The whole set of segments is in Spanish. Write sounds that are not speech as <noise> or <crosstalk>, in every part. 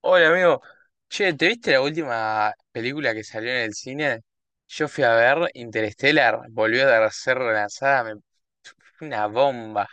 Hola amigo, che, ¿te viste la última película que salió en el cine? Yo fui a ver Interstellar, volvió a ser relanzada, fue una bomba.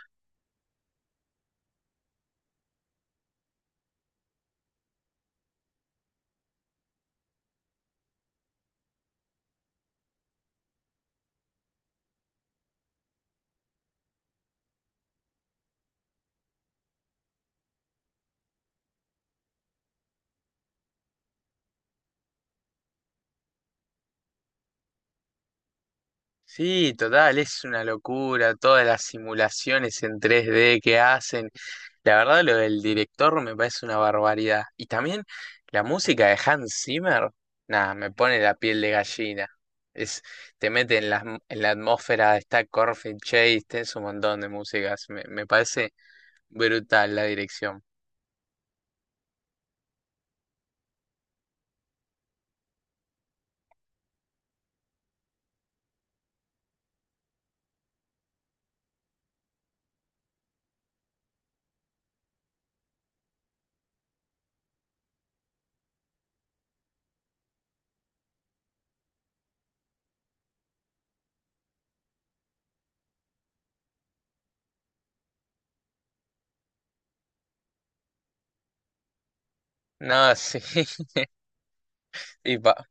Sí, total, es una locura, todas las simulaciones en tres d que hacen. La verdad, lo del director me parece una barbaridad. Y también la música de Hans Zimmer, nada, me pone la piel de gallina. Es, Te mete en en la atmósfera, está Corpse Chase, tenés un montón de músicas. Me parece brutal la dirección. No, sí. <laughs> Y pa-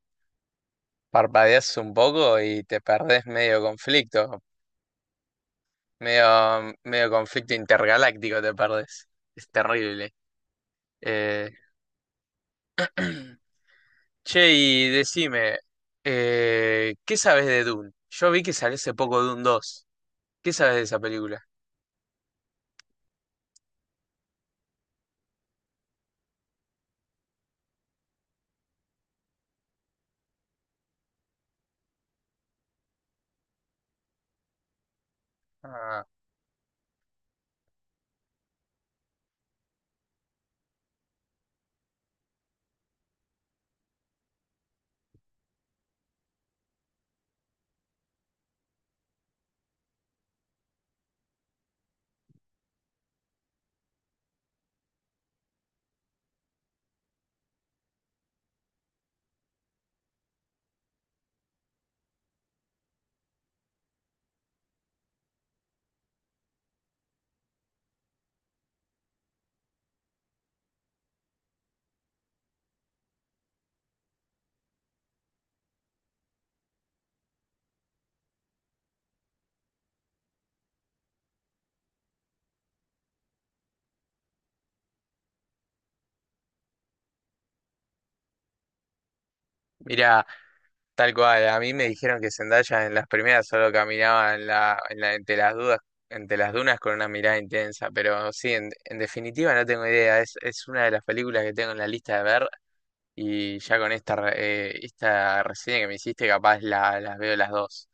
Parpadeas un poco y te perdés medio conflicto. Medio conflicto intergaláctico te perdés. Es terrible. Eh, <clears throat> Che, y decime, ¿qué sabes de Dune? Yo vi que salió hace poco Dune dos. ¿Qué sabes de esa película? Ah, mirá, tal cual, a mí me dijeron que Zendaya en las primeras solo caminaba en entre las dudas, entre las dunas con una mirada intensa, pero sí, en definitiva no tengo idea, es una de las películas que tengo en la lista de ver, y ya con esta, esta reseña que me hiciste capaz las veo las dos.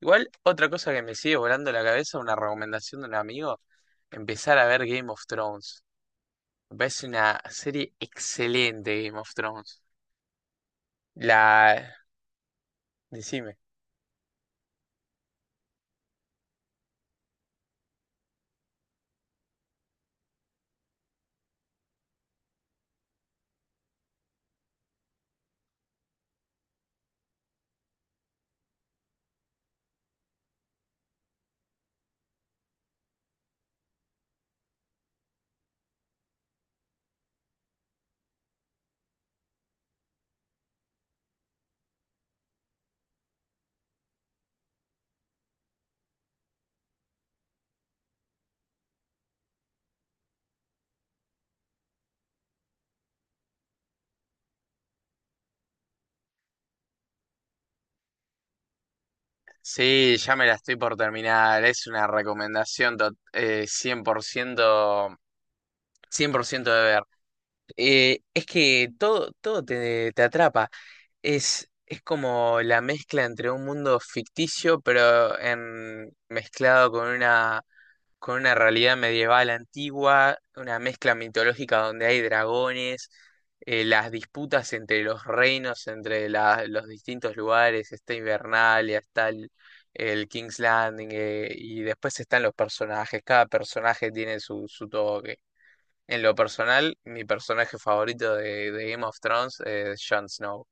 Igual, otra cosa que me sigue volando la cabeza, una recomendación de un amigo, empezar a ver Game of Thrones. Me parece una serie excelente Game of Thrones. La... Decime. Sí, ya me la estoy por terminar. Es una recomendación 100%, 100% de ver. Es que todo te atrapa. Es como la mezcla entre un mundo ficticio, pero mezclado con una realidad medieval antigua, una mezcla mitológica donde hay dragones, las disputas entre los reinos, entre los distintos lugares, está Invernalia, está el King's Landing, y después están los personajes, cada personaje tiene su toque. En lo personal, mi personaje favorito de Game of Thrones es Jon Snow.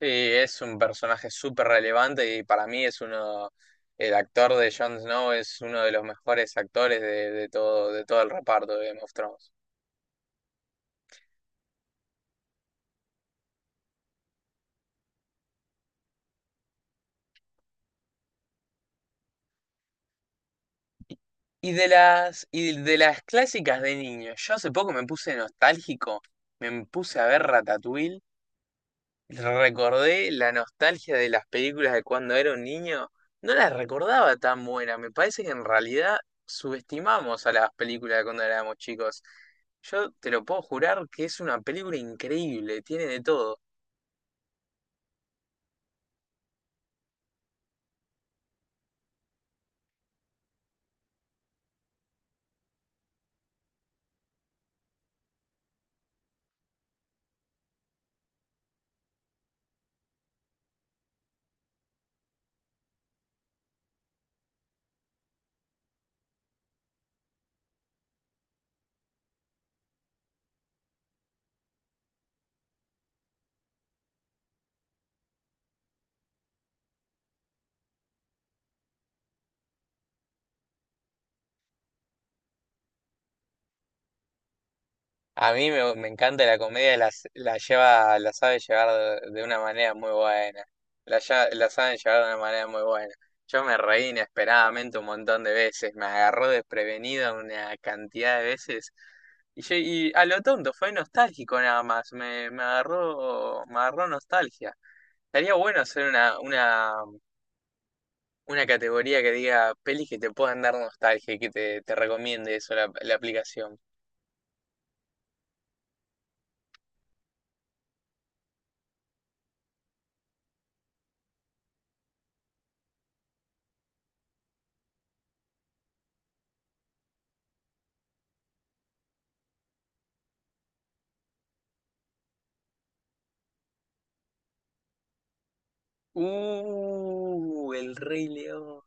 Sí, es un personaje súper relevante y para mí es uno, el actor de Jon Snow es uno de los mejores actores de todo el reparto de Game of Thrones. Y de las clásicas de niño, yo hace poco me puse nostálgico, me puse a ver Ratatouille. Recordé la nostalgia de las películas de cuando era un niño. No las recordaba tan buenas. Me parece que en realidad subestimamos a las películas de cuando éramos chicos. Yo te lo puedo jurar que es una película increíble, tiene de todo. A mí me encanta la comedia, la sabe llevar de una manera muy buena. La saben llevar de una manera muy buena. Yo me reí inesperadamente un montón de veces, me agarró desprevenido una cantidad de veces. Y a lo tonto, fue nostálgico nada más, me agarró nostalgia. Estaría bueno hacer una categoría que diga pelis que te puedan dar nostalgia y que te recomiende eso la aplicación. El Rey León.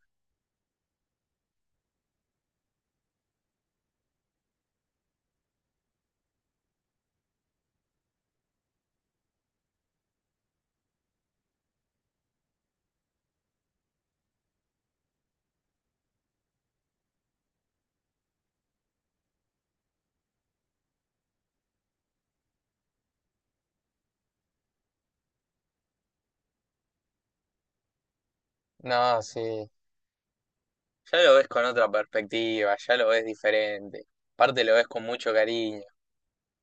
No, sí. Ya lo ves con otra perspectiva, ya lo ves diferente. Aparte lo ves con mucho cariño.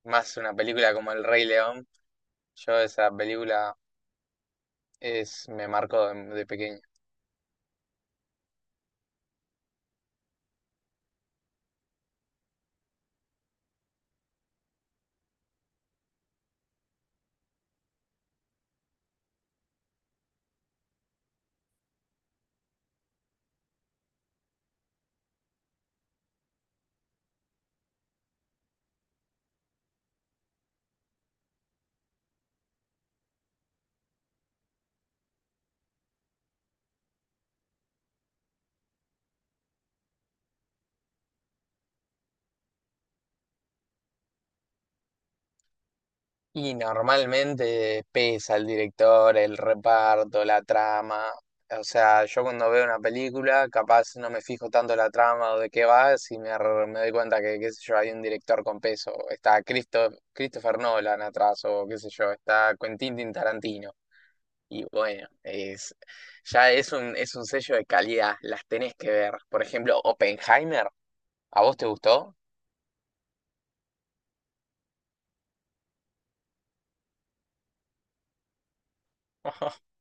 Más una película como El Rey León. Yo esa película me marcó de pequeño. Y normalmente pesa el director, el reparto, la trama. O sea, yo cuando veo una película, capaz no me fijo tanto la trama o de qué va, si me doy cuenta que, qué sé yo, hay un director con peso. Está Christopher Nolan atrás, o qué sé yo, está Quentin Tarantino. Y bueno, ya es un sello de calidad, las tenés que ver. Por ejemplo, Oppenheimer, ¿a vos te gustó? <laughs>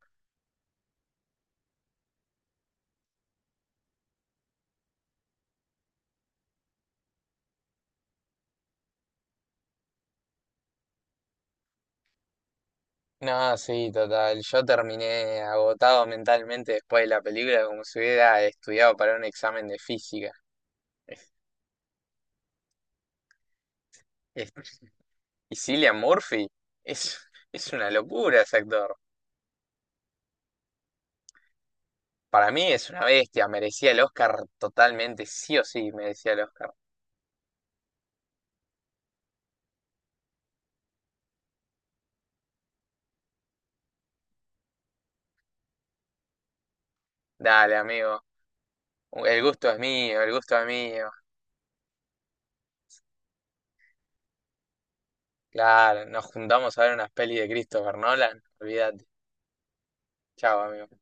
No, sí, total. Yo terminé agotado mentalmente después de la película, como si hubiera estudiado para un examen de física. Es- es- Y Cillian Murphy es, es una locura ese actor. Para mí es una bestia, merecía el Oscar totalmente, sí o sí, merecía el Oscar. Dale, amigo, el gusto es mío, el gusto es mío. Claro, nos juntamos a ver una peli de Christopher Nolan. Olvídate. Chao, amigo.